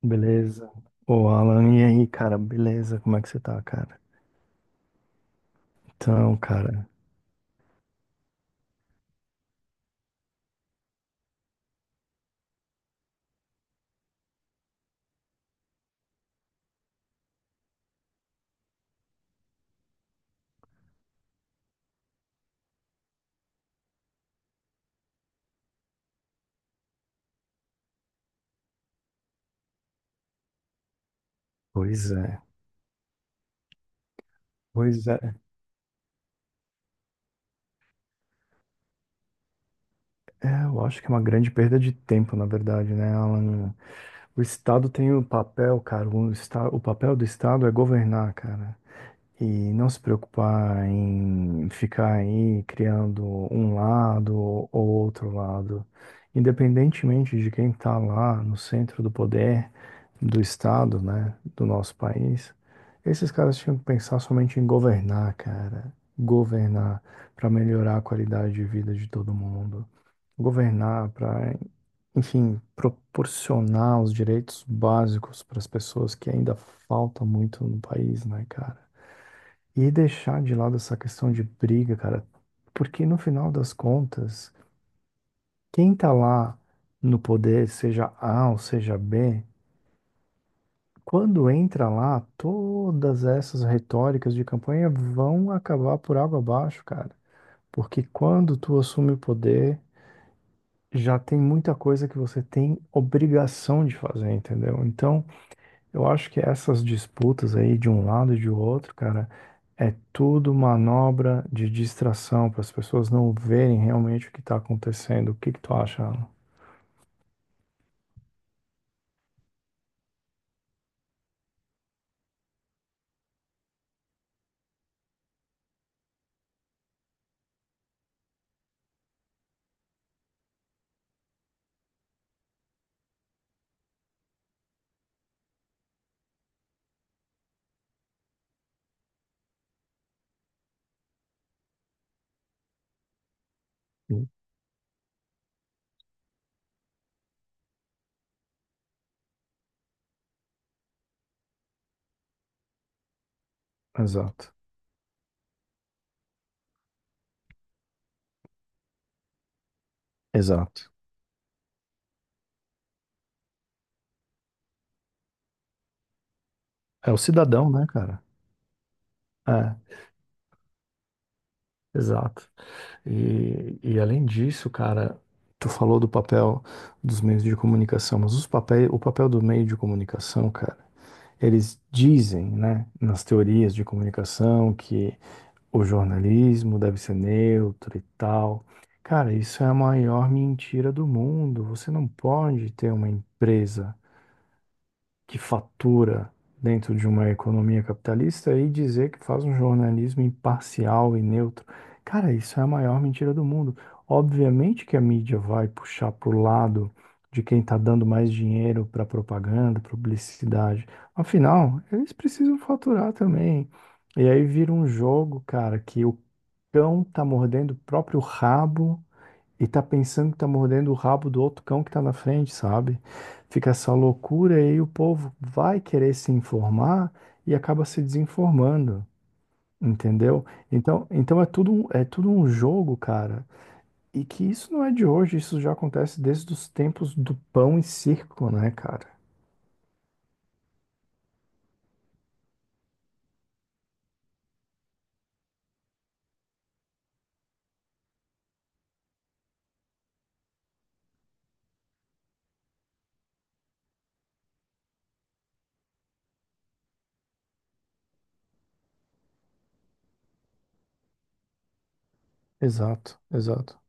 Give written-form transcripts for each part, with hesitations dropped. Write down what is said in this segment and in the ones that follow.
Beleza. Ô, Alan, e aí, cara? Beleza? Como é que você tá, cara? Então, cara, pois é. Pois é. É, eu acho que é uma grande perda de tempo, na verdade, né, Alan? O Estado tem o papel, cara. O papel do Estado é governar, cara. E não se preocupar em ficar aí criando um lado ou outro lado. Independentemente de quem está lá no centro do poder do Estado, né, do nosso país, esses caras tinham que pensar somente em governar, cara. Governar para melhorar a qualidade de vida de todo mundo. Governar para, enfim, proporcionar os direitos básicos para as pessoas que ainda falta muito no país, né, cara? E deixar de lado essa questão de briga, cara, porque no final das contas, quem tá lá no poder, seja A ou seja B, quando entra lá, todas essas retóricas de campanha vão acabar por água abaixo, cara. Porque quando tu assume o poder, já tem muita coisa que você tem obrigação de fazer, entendeu? Então, eu acho que essas disputas aí de um lado e de outro, cara, é tudo manobra de distração para as pessoas não verem realmente o que está acontecendo. O que que tu acha, Alan? Sim. Exato, exato. É o cidadão, né, cara? É, exato. E, além disso, cara, tu falou do papel dos meios de comunicação, mas o papel do meio de comunicação, cara, eles dizem, né, nas teorias de comunicação que o jornalismo deve ser neutro e tal. Cara, isso é a maior mentira do mundo. Você não pode ter uma empresa que fatura dentro de uma economia capitalista e dizer que faz um jornalismo imparcial e neutro. Cara, isso é a maior mentira do mundo. Obviamente que a mídia vai puxar pro lado de quem está dando mais dinheiro para propaganda, publicidade. Afinal, eles precisam faturar também. E aí vira um jogo, cara, que o cão tá mordendo o próprio rabo e tá pensando que tá mordendo o rabo do outro cão que tá na frente, sabe? Fica essa loucura e aí o povo vai querer se informar e acaba se desinformando, entendeu? Então, é tudo um jogo, cara. E que isso não é de hoje, isso já acontece desde os tempos do pão e circo, né, cara? Exato, exato.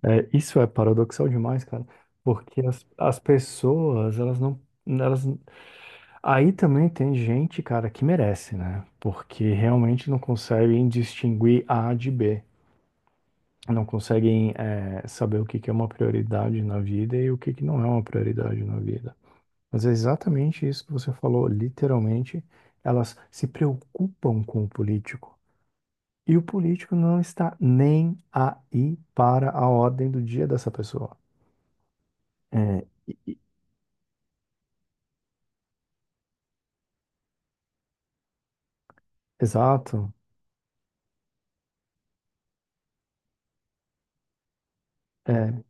É, isso é paradoxal demais, cara, porque as pessoas, elas não, elas aí também tem gente, cara, que merece, né? Porque realmente não conseguem distinguir A de B. Não conseguem, saber o que que é uma prioridade na vida e o que que não é uma prioridade na vida. Mas é exatamente isso que você falou, literalmente. Elas se preocupam com o político. E o político não está nem aí para a ordem do dia dessa pessoa. É, e- e- exato. É,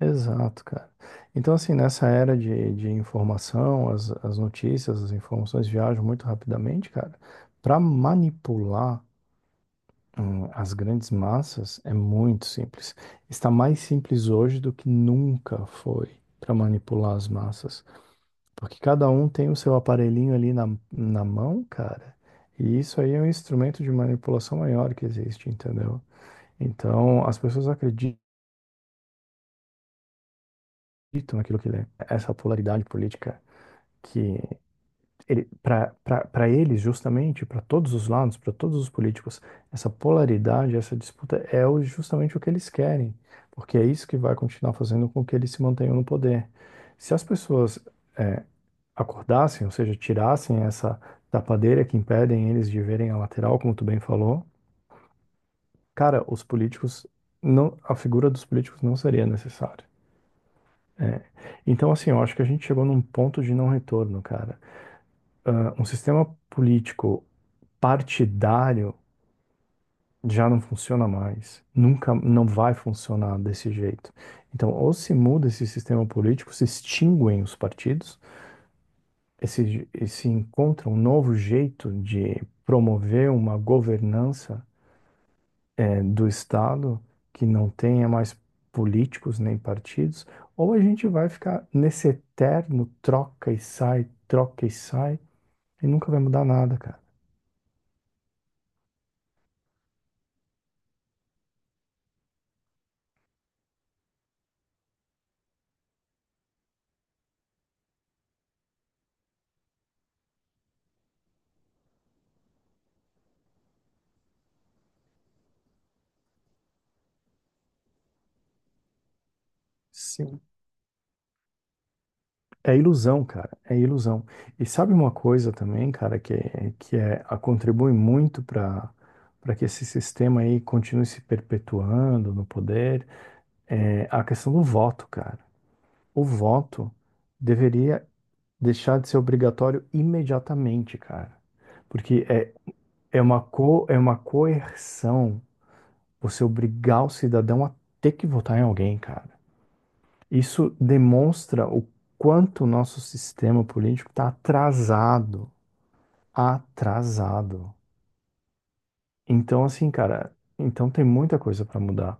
exato, cara. Então, assim, nessa era de informação, as notícias, as informações viajam muito rapidamente, cara. Para manipular, as grandes massas é muito simples. Está mais simples hoje do que nunca foi para manipular as massas. Porque cada um tem o seu aparelhinho ali na mão, cara. E isso aí é um instrumento de manipulação maior que existe, entendeu? Então, as pessoas acreditam naquilo que lê. Essa polaridade política. que Para eles, justamente, para todos os lados, para todos os políticos, essa polaridade, essa disputa justamente o que eles querem, porque é isso que vai continuar fazendo com que eles se mantenham no poder. Se as pessoas eh, acordassem, ou seja, tirassem essa tapadeira que impedem eles de verem a lateral, como tu bem falou, cara, os políticos não, a figura dos políticos não seria necessária. É. Então, assim, eu acho que a gente chegou num ponto de não retorno, cara. Ah, um sistema político partidário já não funciona mais. Nunca, não vai funcionar desse jeito. Então, ou se muda esse sistema político, se extinguem os partidos, e se encontra um novo jeito de promover uma governança, do Estado que não tenha mais políticos nem partidos, ou a gente vai ficar nesse eterno troca e sai, e nunca vai mudar nada, cara. Sim. É ilusão, cara, é ilusão. E sabe uma coisa também, cara, contribui muito para que esse sistema aí continue se perpetuando no poder, é a questão do voto, cara. O voto deveria deixar de ser obrigatório imediatamente, cara. Porque é, é uma coerção você obrigar o cidadão a ter que votar em alguém, cara. Isso demonstra o quanto o nosso sistema político está atrasado. Então, assim, cara, então tem muita coisa para mudar.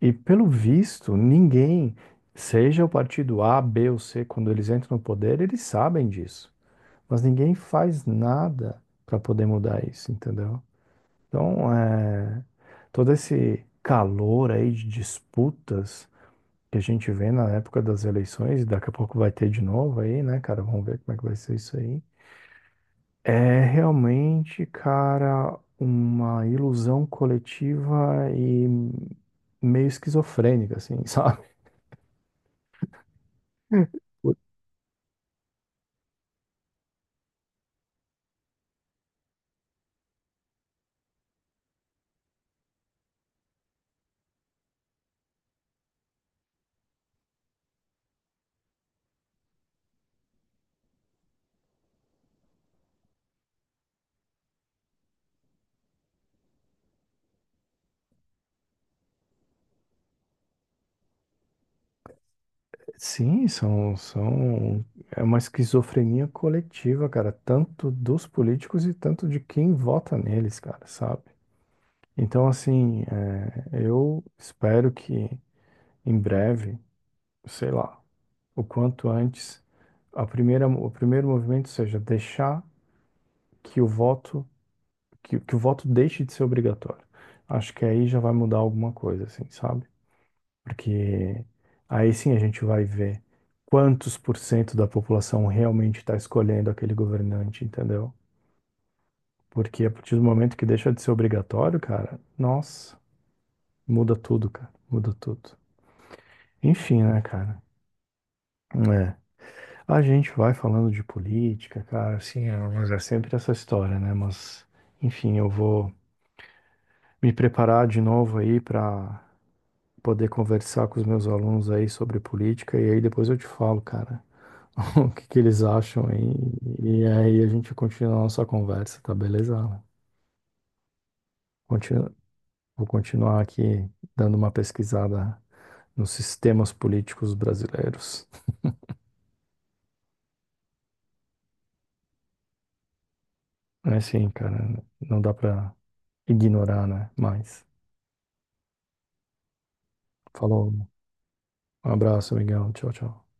E pelo visto, ninguém, seja o partido A, B ou C, quando eles entram no poder, eles sabem disso. Mas ninguém faz nada para poder mudar isso, entendeu? Então, é, todo esse calor aí de disputas que a gente vê na época das eleições, e daqui a pouco vai ter de novo aí, né, cara? Vamos ver como é que vai ser isso aí. É realmente, cara, uma ilusão coletiva e meio esquizofrênica, assim, sabe? Sim, são, são... É uma esquizofrenia coletiva, cara, tanto dos políticos e tanto de quem vota neles, cara, sabe? Então, assim, é, eu espero que em breve, sei lá, o quanto antes o primeiro movimento seja deixar que o voto que o voto deixe de ser obrigatório. Acho que aí já vai mudar alguma coisa, assim, sabe? Porque aí sim a gente vai ver quantos por cento da população realmente está escolhendo aquele governante, entendeu? Porque a partir do momento que deixa de ser obrigatório, cara, nossa, muda tudo, cara, muda tudo. Enfim, né, cara? É. A gente vai falando de política, cara, assim, é, mas é sempre essa história, né? Mas, enfim, eu vou me preparar de novo aí para poder conversar com os meus alunos aí sobre política e aí depois eu te falo, cara, o que que eles acham aí. E aí a gente continua a nossa conversa, tá beleza? Alan? Continu- Vou continuar aqui dando uma pesquisada nos sistemas políticos brasileiros. É assim, cara, não dá para ignorar, né? Mas, falou. Um abraço, Miguel. Tchau, tchau.